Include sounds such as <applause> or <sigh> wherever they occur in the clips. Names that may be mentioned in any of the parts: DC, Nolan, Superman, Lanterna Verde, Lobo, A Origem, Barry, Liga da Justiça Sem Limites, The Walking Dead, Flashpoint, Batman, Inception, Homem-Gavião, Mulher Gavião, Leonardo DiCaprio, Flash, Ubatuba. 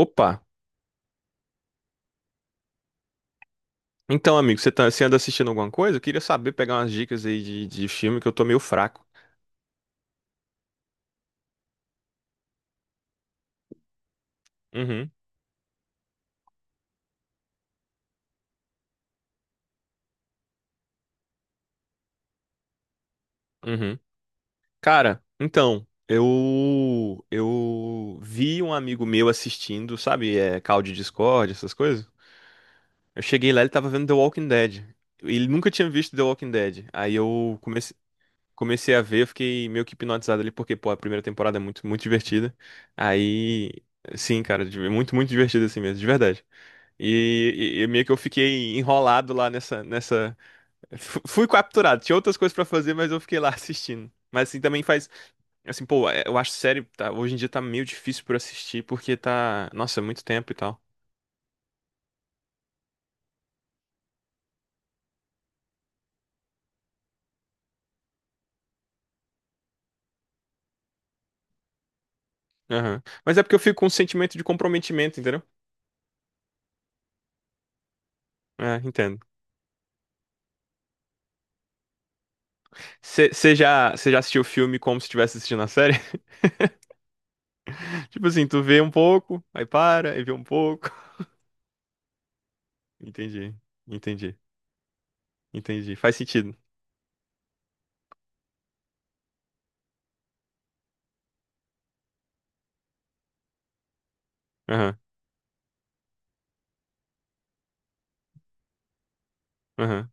Opa! Então, amigo, você anda assistindo alguma coisa? Eu queria saber, pegar umas dicas aí de filme que eu tô meio fraco. Uhum, uhum. Cara, então, eu vi um amigo meu assistindo, sabe, call de Discord, essas coisas. Eu cheguei lá, ele tava vendo The Walking Dead. Ele nunca tinha visto The Walking Dead. Aí eu comecei a ver, eu fiquei meio que hipnotizado ali, porque, pô, a primeira temporada é muito, muito divertida. Aí, sim, cara, é muito, muito divertido assim mesmo, de verdade. E meio que eu fiquei enrolado lá nessa. Fui capturado. Tinha outras coisas pra fazer, mas eu fiquei lá <laughs> assistindo. Mas assim também faz. Assim, pô, eu acho série. Tá, hoje em dia tá meio difícil pra assistir, porque tá. Nossa, é muito tempo e tal. Aham. Mas é porque eu fico com um sentimento de comprometimento, entendeu? É, entendo. Você já, cê já assistiu o filme como se estivesse assistindo a série? <laughs> Tipo assim, tu vê um pouco, aí para, aí vê um pouco. <laughs> Entendi, entendi, entendi. Faz sentido. Aham, aham.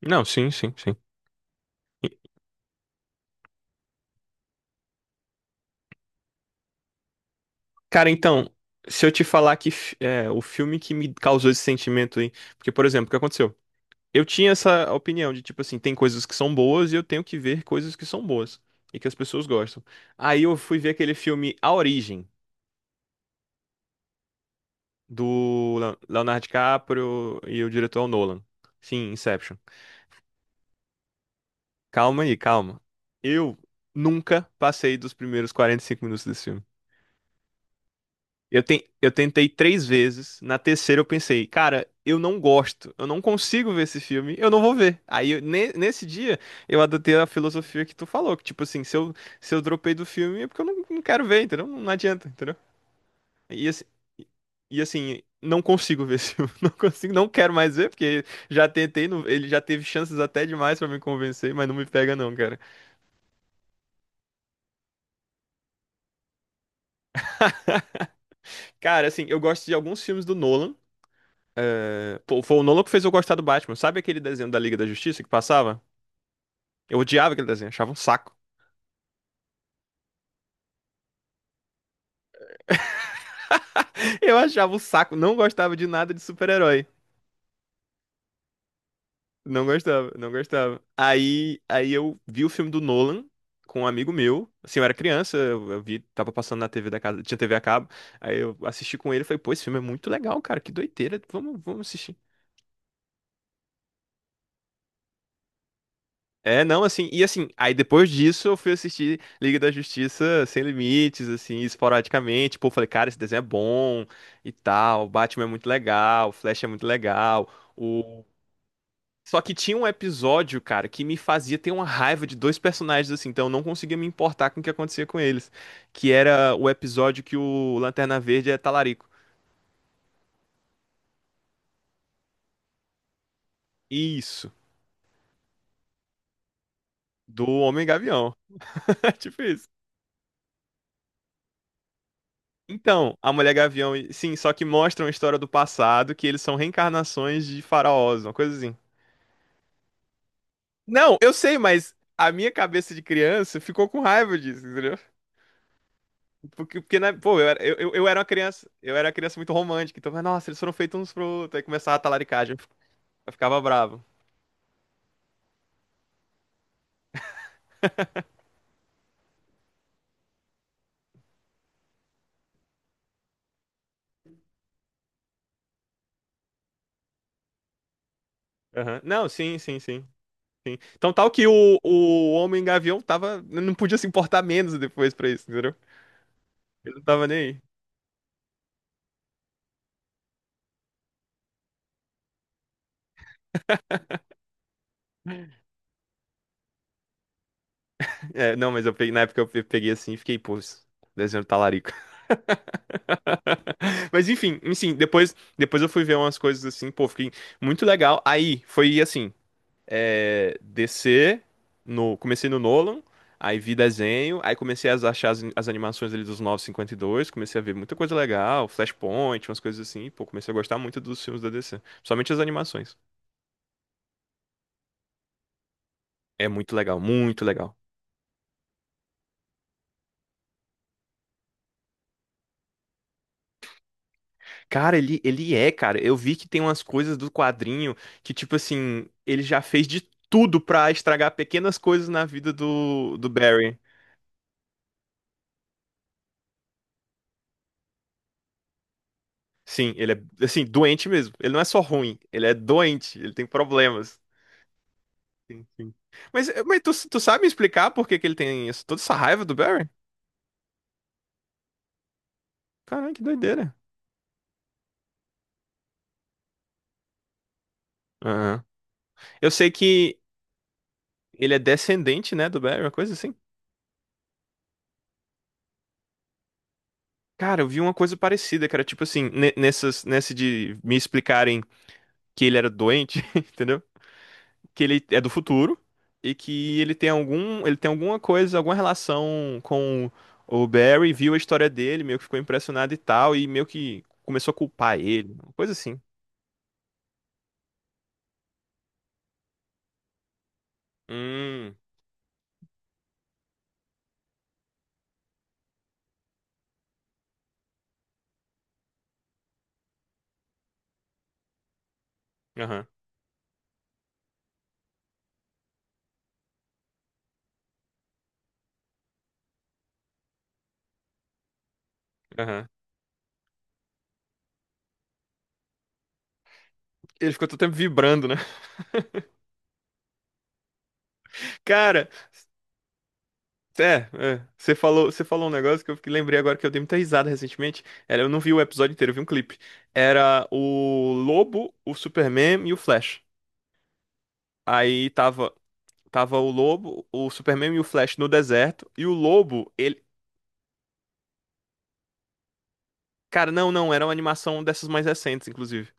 Não, sim, sim, sim. Cara, então, se eu te falar que o filme que me causou esse sentimento aí. Porque, por exemplo, o que aconteceu? Eu tinha essa opinião de, tipo assim, tem coisas que são boas e eu tenho que ver coisas que são boas e que as pessoas gostam. Aí eu fui ver aquele filme A Origem, do Leonardo DiCaprio e o diretor é o Nolan. Sim, Inception. Calma aí, calma. Eu nunca passei dos primeiros 45 minutos desse filme. Eu tentei 3 vezes. Na terceira eu pensei, cara, eu não gosto, eu não consigo ver esse filme, eu não vou ver. Aí, nesse dia, eu adotei a filosofia que tu falou, que tipo assim, se eu dropei do filme é porque eu não quero ver, entendeu? Não adianta, entendeu? E assim, e assim, não consigo ver esse filme, <laughs> não consigo, não quero mais ver, porque já tentei, não- ele já teve chances até demais pra me convencer, mas não me pega não, cara. Cara, assim, eu gosto de alguns filmes do Nolan. É, pô, foi o Nolan que fez eu gostar do Batman. Sabe aquele desenho da Liga da Justiça que passava? Eu odiava aquele desenho, achava um saco. <laughs> Eu achava um saco, não gostava de nada de super-herói. Não gostava, não gostava. Aí eu vi o filme do Nolan com um amigo meu. Assim, eu era criança, eu vi, tava passando na TV da casa, tinha TV a cabo. Aí eu assisti com ele e falei, pô, esse filme é muito legal, cara, que doideira, vamos, vamos assistir. É, não, assim, e assim, aí depois disso eu fui assistir Liga da Justiça Sem Limites, assim, esporadicamente. Pô, falei, cara, esse desenho é bom e tal. O Batman é muito legal, o Flash é muito legal. O... Só que tinha um episódio, cara, que me fazia ter uma raiva de dois personagens, assim, então eu não conseguia me importar com o que acontecia com eles. Que era o episódio que o Lanterna Verde é talarico. Isso, do Homem-Gavião. <laughs> Tipo isso. Então, a Mulher Gavião, sim, só que mostram a história do passado, que eles são reencarnações de faraós, uma coisa assim. Não, eu sei, mas a minha cabeça de criança ficou com raiva disso, entendeu? Porque né, pô, eu era uma criança, eu era uma criança muito romântica, então, mas, nossa, eles foram feitos uns pro outro, aí começava a talaricagem, eu ficava bravo. Aham. Não, sim, sim, sim. Então, tal que o Homem Gavião tava, não podia se importar menos depois pra isso, entendeu? Ele não tava nem aí. É, não, mas eu peguei, na época eu peguei assim e fiquei, pô, isso- desenho do talarico. <laughs> Mas enfim, enfim, depois eu fui ver umas coisas assim, pô, fiquei muito legal. Aí foi assim, descer no, comecei no Nolan, aí vi desenho, aí comecei a achar as animações ali dos 952, comecei a ver muita coisa legal, Flashpoint, umas coisas assim, pô, comecei a gostar muito dos filmes da DC, principalmente as animações. É muito legal, muito legal. Cara, ele é, cara. Eu vi que tem umas coisas do quadrinho que, tipo assim, ele já fez de tudo pra estragar pequenas coisas na vida do Barry. Sim, ele é, assim, doente mesmo. Ele não é só ruim, ele é doente, ele tem problemas. Sim, sim. Mas tu sabe me explicar por que que ele tem isso- toda essa raiva do Barry? Caralho, que doideira. Aham. Eu sei que ele é descendente, né, do Barry, uma coisa assim. Cara, eu vi uma coisa parecida, cara. Tipo assim, nesse de me explicarem que ele era doente, <laughs> entendeu? Que ele é do futuro e que ele tem alguma coisa, alguma relação com o Barry, viu a história dele, meio que ficou impressionado e tal, e meio que começou a culpar ele, uma coisa assim. Hum, aham, aham. Ele ficou todo tempo vibrando, né? <laughs> Cara, é, você falou, um negócio que eu lembrei agora que eu dei muita risada recentemente. Era, eu não vi o episódio inteiro, eu vi um clipe. Era o Lobo, o Superman e o Flash. Aí tava Tava o Lobo, o Superman e o Flash no deserto. E o Lobo, ele. Cara, não, não, era uma animação dessas mais recentes, inclusive.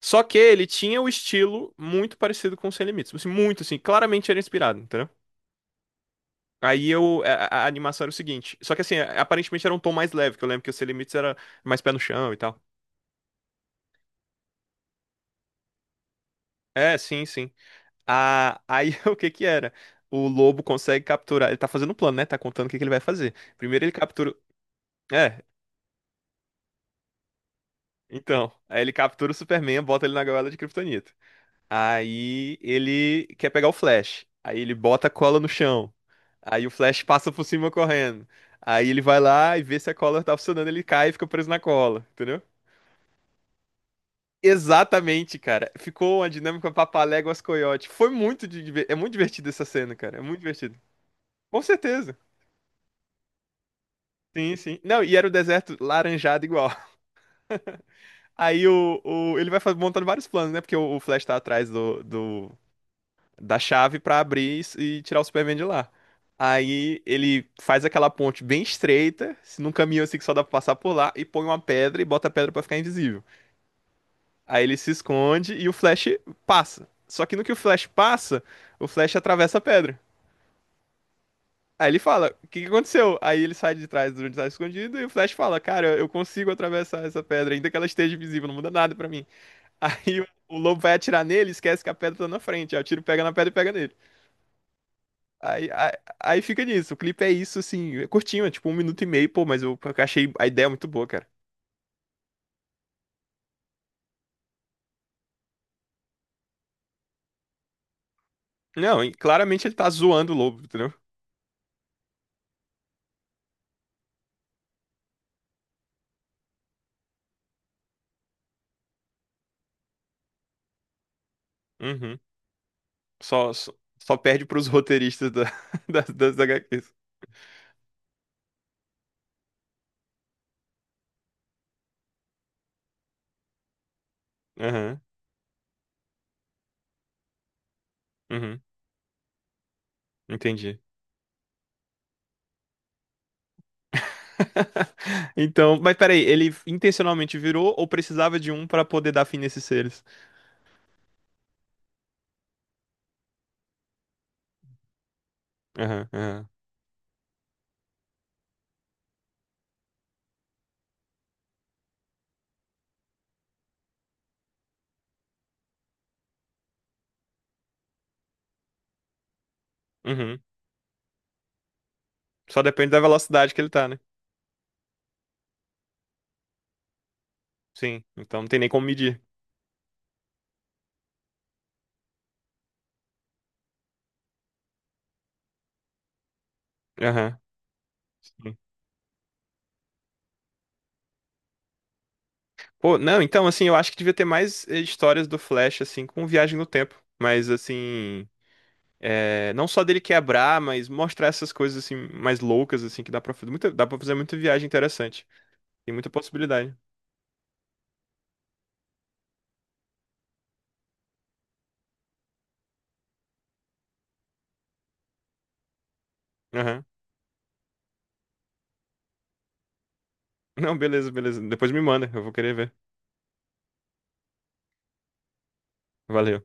Só que ele tinha o estilo muito parecido com o Sem Limites. Tipo assim, muito, assim, claramente era inspirado, entendeu? Aí eu. A animação era o seguinte. Só que assim, aparentemente era um tom mais leve, que eu lembro que o Sem Limites era mais pé no chão e tal. É, sim, sim. Ah, aí <laughs> o que que era? O lobo consegue capturar. Ele tá fazendo um plano, né? Tá contando o que que ele vai fazer. Primeiro ele captura. É, então. Aí ele captura o Superman, bota ele na gaiola de Kryptonita. Aí ele quer pegar o Flash. Aí ele bota a cola no chão. Aí o Flash passa por cima correndo. Aí ele vai lá e vê se a cola tá funcionando, ele cai e fica preso na cola, entendeu? Exatamente, cara. Ficou uma dinâmica papaléguas coyote. Foi muito é muito divertido essa cena, cara. É muito divertido. Com certeza. Sim, sim. Não, e era o deserto laranjado igual. <laughs> Aí o ele vai montando vários planos, né? Porque o Flash tá atrás do, do da chave pra abrir e tirar o Superman de lá. Aí ele faz aquela ponte bem estreita, num caminho assim que só dá pra passar por lá, e põe uma pedra e bota a pedra pra ficar invisível. Aí ele se esconde e o Flash passa. Só que no que o Flash passa, o Flash atravessa a pedra. Aí ele fala, o que que aconteceu? Aí ele sai de trás do onde tá escondido e o Flash fala, cara, eu consigo atravessar essa pedra, ainda que ela esteja invisível, não muda nada pra mim. <laughs> Aí o lobo vai atirar nele, e esquece que a pedra tá na frente. Aí o tiro pega na pedra e pega nele. Aí, aí, aí fica nisso. O clipe é isso, assim, é curtinho, é tipo 1 minuto e meio, pô, mas eu achei a ideia muito boa, cara. Não, e claramente ele tá zoando o lobo, entendeu? Uhum. Só, só, só perde pros roteiristas da, <laughs> das HQs. Aham, uhum, entendi. <laughs> Então, mas peraí, ele intencionalmente virou ou precisava de um pra poder dar fim nesses seres? Aham, aham. Uhum. Só depende da velocidade que ele tá, né? Sim, então não tem nem como medir. Aham. Pô, não, então, assim, eu acho que devia ter mais histórias do Flash, assim, com viagem no tempo. Mas, assim, não só dele quebrar, mas mostrar essas coisas, assim, mais loucas, assim, que dá pra fazer muita viagem interessante. Tem muita possibilidade. Aham. Não, beleza, beleza. Depois me manda, eu vou querer ver. Valeu.